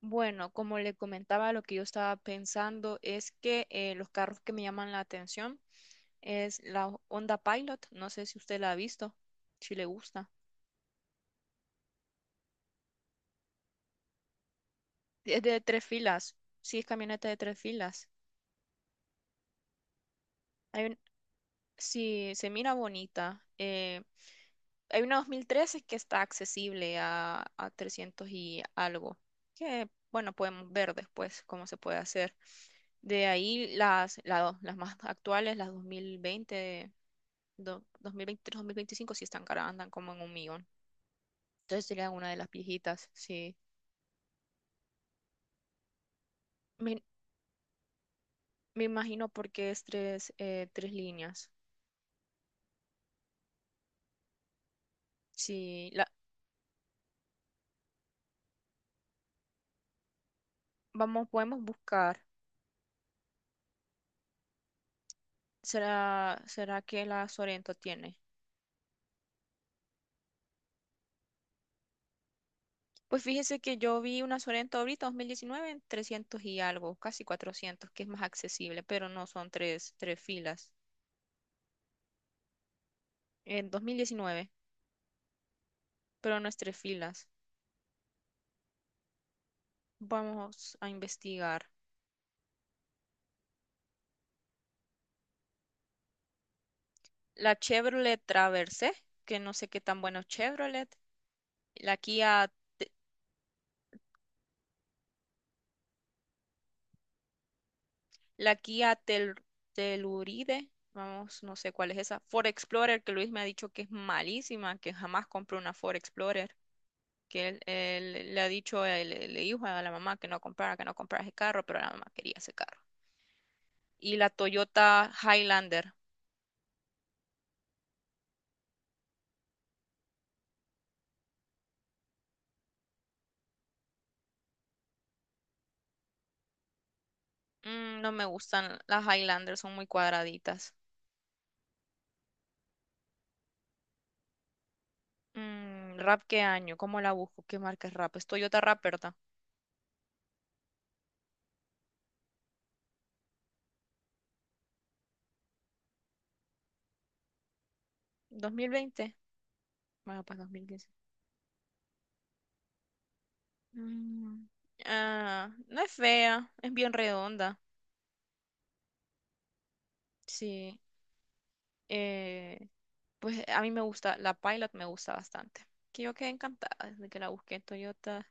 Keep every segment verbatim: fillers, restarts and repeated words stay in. Bueno, como le comentaba, lo que yo estaba pensando es que eh, los carros que me llaman la atención es la Honda Pilot. No sé si usted la ha visto, si le gusta. Es de tres filas. Sí, es camioneta de tres filas. Hay un- sí, se mira bonita. Eh, hay una dos mil trece que está accesible a, a trescientos y algo. Que, bueno, podemos ver después cómo se puede hacer. De ahí las, la- las más actuales, las dos mil veinte. do- dos mil veintitrés, dos mil veinticinco sí están caras, andan como en un millón. Entonces sería una de las viejitas, sí. Me, me imagino porque es tres, eh, tres líneas. Sí, la, vamos, podemos buscar. ¿Será, será que la Sorento tiene? Pues fíjese que yo vi una Sorento ahorita, dos mil diecinueve, en trescientos y algo, casi cuatrocientos, que es más accesible, pero no son tres, tres filas. En dos mil diecinueve, pero no es tres filas. Vamos a investigar. La Chevrolet Traverse, que no sé qué tan bueno es Chevrolet, la Kia, la Kia Tel- Telluride, vamos, no sé cuál es esa, Ford Explorer, que Luis me ha dicho que es malísima, que jamás compró una Ford Explorer, que él, él le ha dicho, él- le le dijo a la mamá que no comprara, que no comprara ese carro, pero la mamá quería ese carro. Y la Toyota Highlander. Mm, no me gustan las Highlander, son muy cuadraditas. Mm, ¿Rap qué año? ¿Cómo la busco? ¿Qué marca es Rap? Es Toyota Rap, ¿verdad? ¿dos mil veinte? Bueno, para dos mil quince. Mm, Ah, no es fea, es bien redonda. Sí. eh, pues a mí me gusta, la Pilot me gusta bastante. Que yo quedé encantada desde que la busqué en Toyota.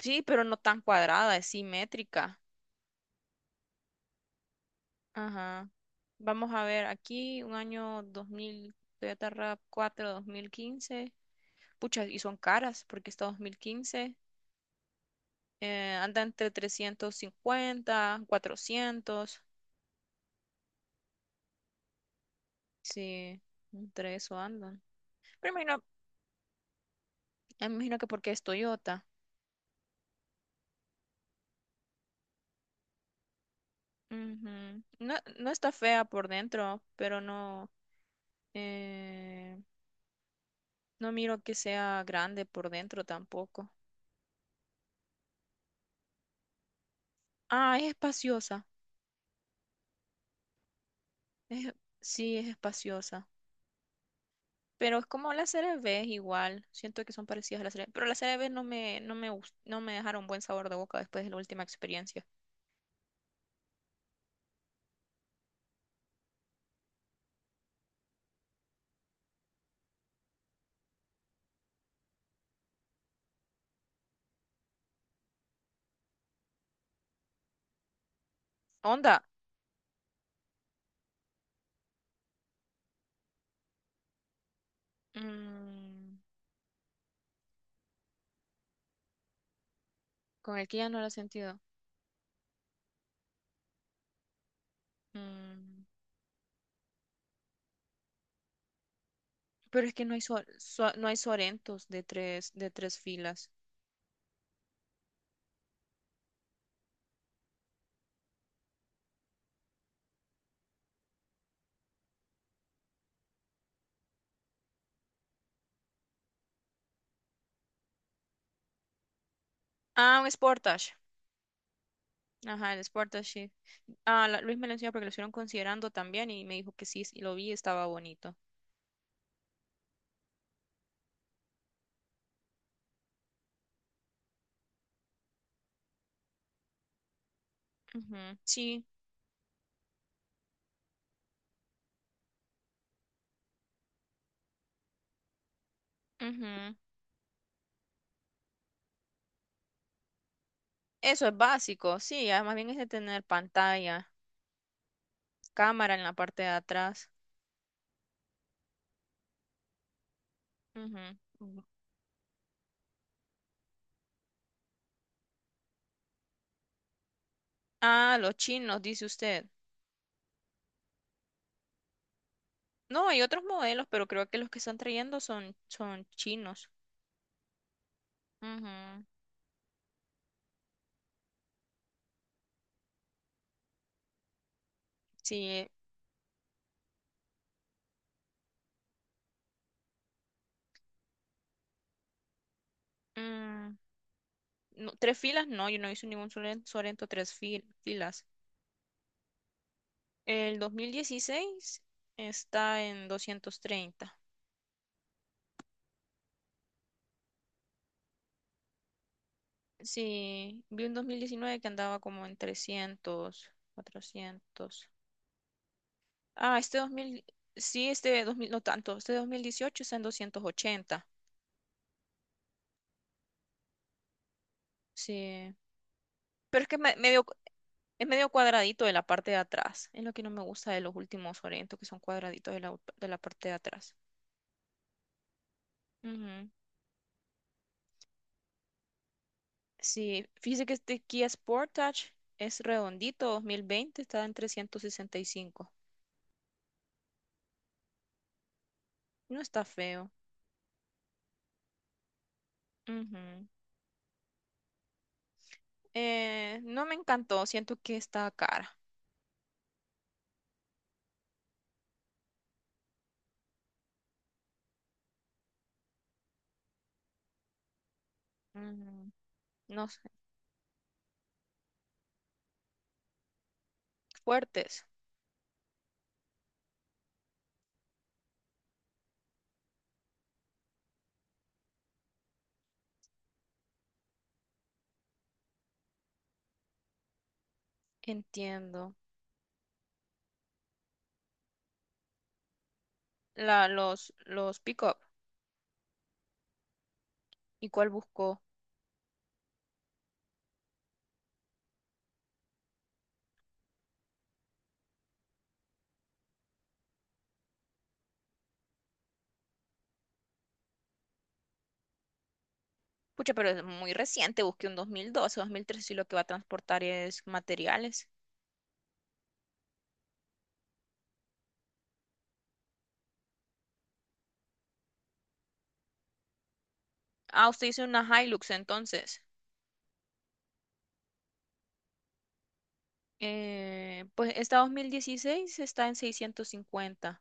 Sí, pero no tan cuadrada, es simétrica. Ajá. Vamos a ver aquí, un año dos mil, Toyota rav cuatro dos mil quince. Pucha, y son caras porque está dos mil quince. Eh, anda entre trescientos cincuenta, cuatrocientos. Sí, entre eso andan. Pero me imagino, me imagino que porque es Toyota. Ujú. No, no está fea por dentro, pero no, eh, no miro que sea grande por dentro tampoco. Ah, es espaciosa. Es- sí, es espaciosa. Pero es como la Serie B igual. Siento que son parecidas a la C R V. Pero la Serie B no me, no me, gust- no me dejaron buen sabor de boca después de la última experiencia. Onda. mm, con el que ya no lo he sentido. Mm, Pero es que no hay, sor- so- no hay Sorentos de tres, de tres filas. Ah, un Sportage. Ajá, el Sportage, sí. Ah, la- Luis me lo enseñó porque lo estuvieron considerando también y me dijo que sí, y lo vi, estaba bonito. Ujú, sí, ujú. Eso es básico, sí, además bien es de tener pantalla, cámara en la parte de atrás. Ujú. Ujú. Ah, los chinos, dice usted. No, hay otros modelos, pero creo que los que están trayendo son, son chinos. Ujú, sí. mm, no, tres filas, no, yo no hice ningún Soren- Sorento tres fil- filas. El dos mil dieciséis está en doscientos treinta. Sí, vi un dos mil diecinueve que andaba como en trescientos, cuatrocientos. Ah, este dos mil, sí, este dos mil, no tanto, este dos mil dieciocho está en doscientos ochenta. Sí, pero es que es me- medio, es medio cuadradito de la parte de atrás. Es lo que no me gusta de los últimos Sorento, que son cuadraditos de la, de la parte de atrás. Ujú. Sí, fíjese que este Kia Sportage es redondito, dos mil veinte está en trescientos sesenta y cinco. No está feo. Ujú. Eh, no me encantó, siento que está cara. Ujú. No sé, fuertes, entiendo. La, los, los pick-up, ¿y cuál buscó? Pucha, pero es muy reciente, busqué un dos dos, mil doce, dos mil dos mil trece, y lo que va a transportar es materiales. Ah, usted hizo una Hilux entonces. Eh, pues esta dos mil dieciséis está en seiscientos cincuenta.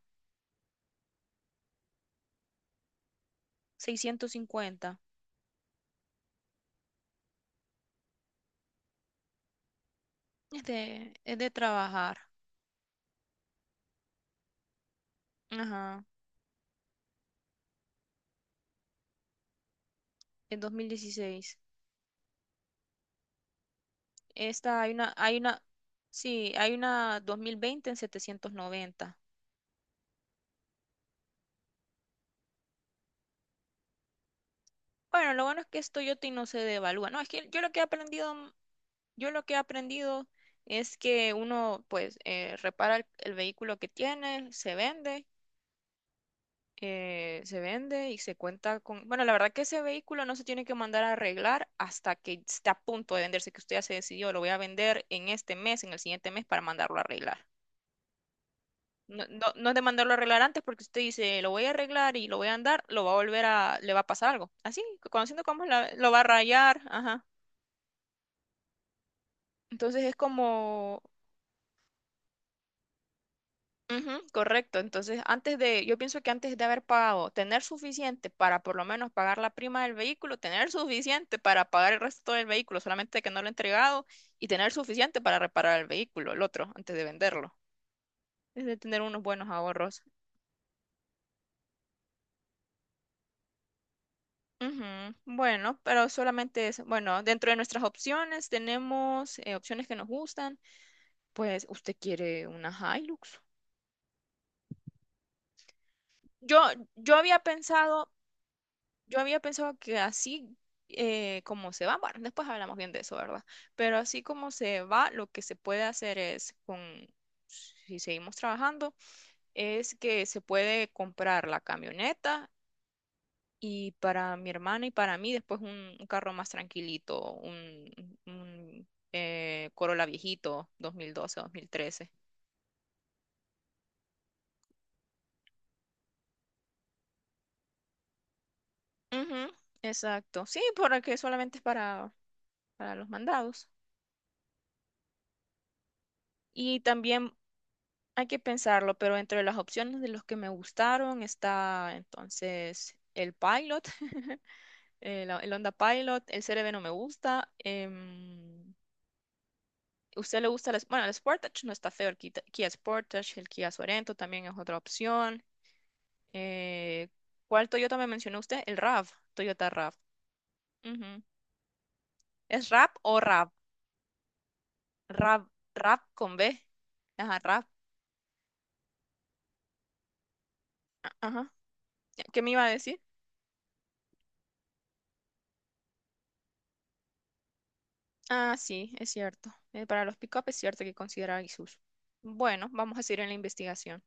seiscientos cincuenta. Es de, es de trabajar. Ajá. En dos mil dieciséis. Esta hay una, hay una, sí, hay una dos mil veinte en setecientos noventa. Bueno, lo bueno es que esto yo no se devalúa. No, es que yo lo que he aprendido, yo lo que he aprendido es que uno pues eh, repara el, el vehículo que tiene, se vende eh, se vende y se cuenta con, bueno, la verdad que ese vehículo no se tiene que mandar a arreglar hasta que esté a punto de venderse, que usted ya se decidió, lo voy a vender en este mes, en el siguiente mes para mandarlo a arreglar. No, no, no es de mandarlo a arreglar antes porque usted dice, lo voy a arreglar y lo voy a andar, lo va a volver a, le va a pasar algo. Así, conociendo cómo es la- lo va a rayar, ajá. Entonces es como. Ujú, correcto. Entonces, antes de, yo pienso que antes de haber pagado, tener suficiente para por lo menos pagar la prima del vehículo, tener suficiente para pagar el resto del vehículo, solamente que no lo he entregado, y tener suficiente para reparar el vehículo, el otro, antes de venderlo. Es de tener unos buenos ahorros. Ujú, bueno, pero solamente es, bueno, dentro de nuestras opciones tenemos eh, opciones que nos gustan. Pues, ¿usted quiere una Hilux? Yo, yo había pensado. Yo había pensado que así eh, como se va, bueno, después hablamos bien de eso, ¿verdad? Pero así como se va, lo que se puede hacer es con, si seguimos trabajando, es que se puede comprar la camioneta y para mi hermana y para mí después un, un carro más tranquilito, un, un, eh, Corolla viejito, dos mil doce, dos mil trece. Ujú, exacto, sí, porque solamente es para, para los mandados. Y también. Hay que pensarlo, pero entre las opciones de los que me gustaron está entonces el Pilot, el, el Honda Pilot, el C R V no me gusta. Em, ¿usted le gusta el, es- bueno, el Sportage no está feo, el Kita- Kia, Sportage, el Kia Sorento también es otra opción. eh, ¿Cuál Toyota me mencionó usted? El RAV, Toyota RAV. Ujú. ¿Es RAV o RAV? RAV, RAV con B. Ajá, RAV. Ajá. ¿Qué me iba a decir? Ah, sí, es cierto. Eh, para los pick-up es cierto que considerar ISUS. Bueno, vamos a seguir en la investigación.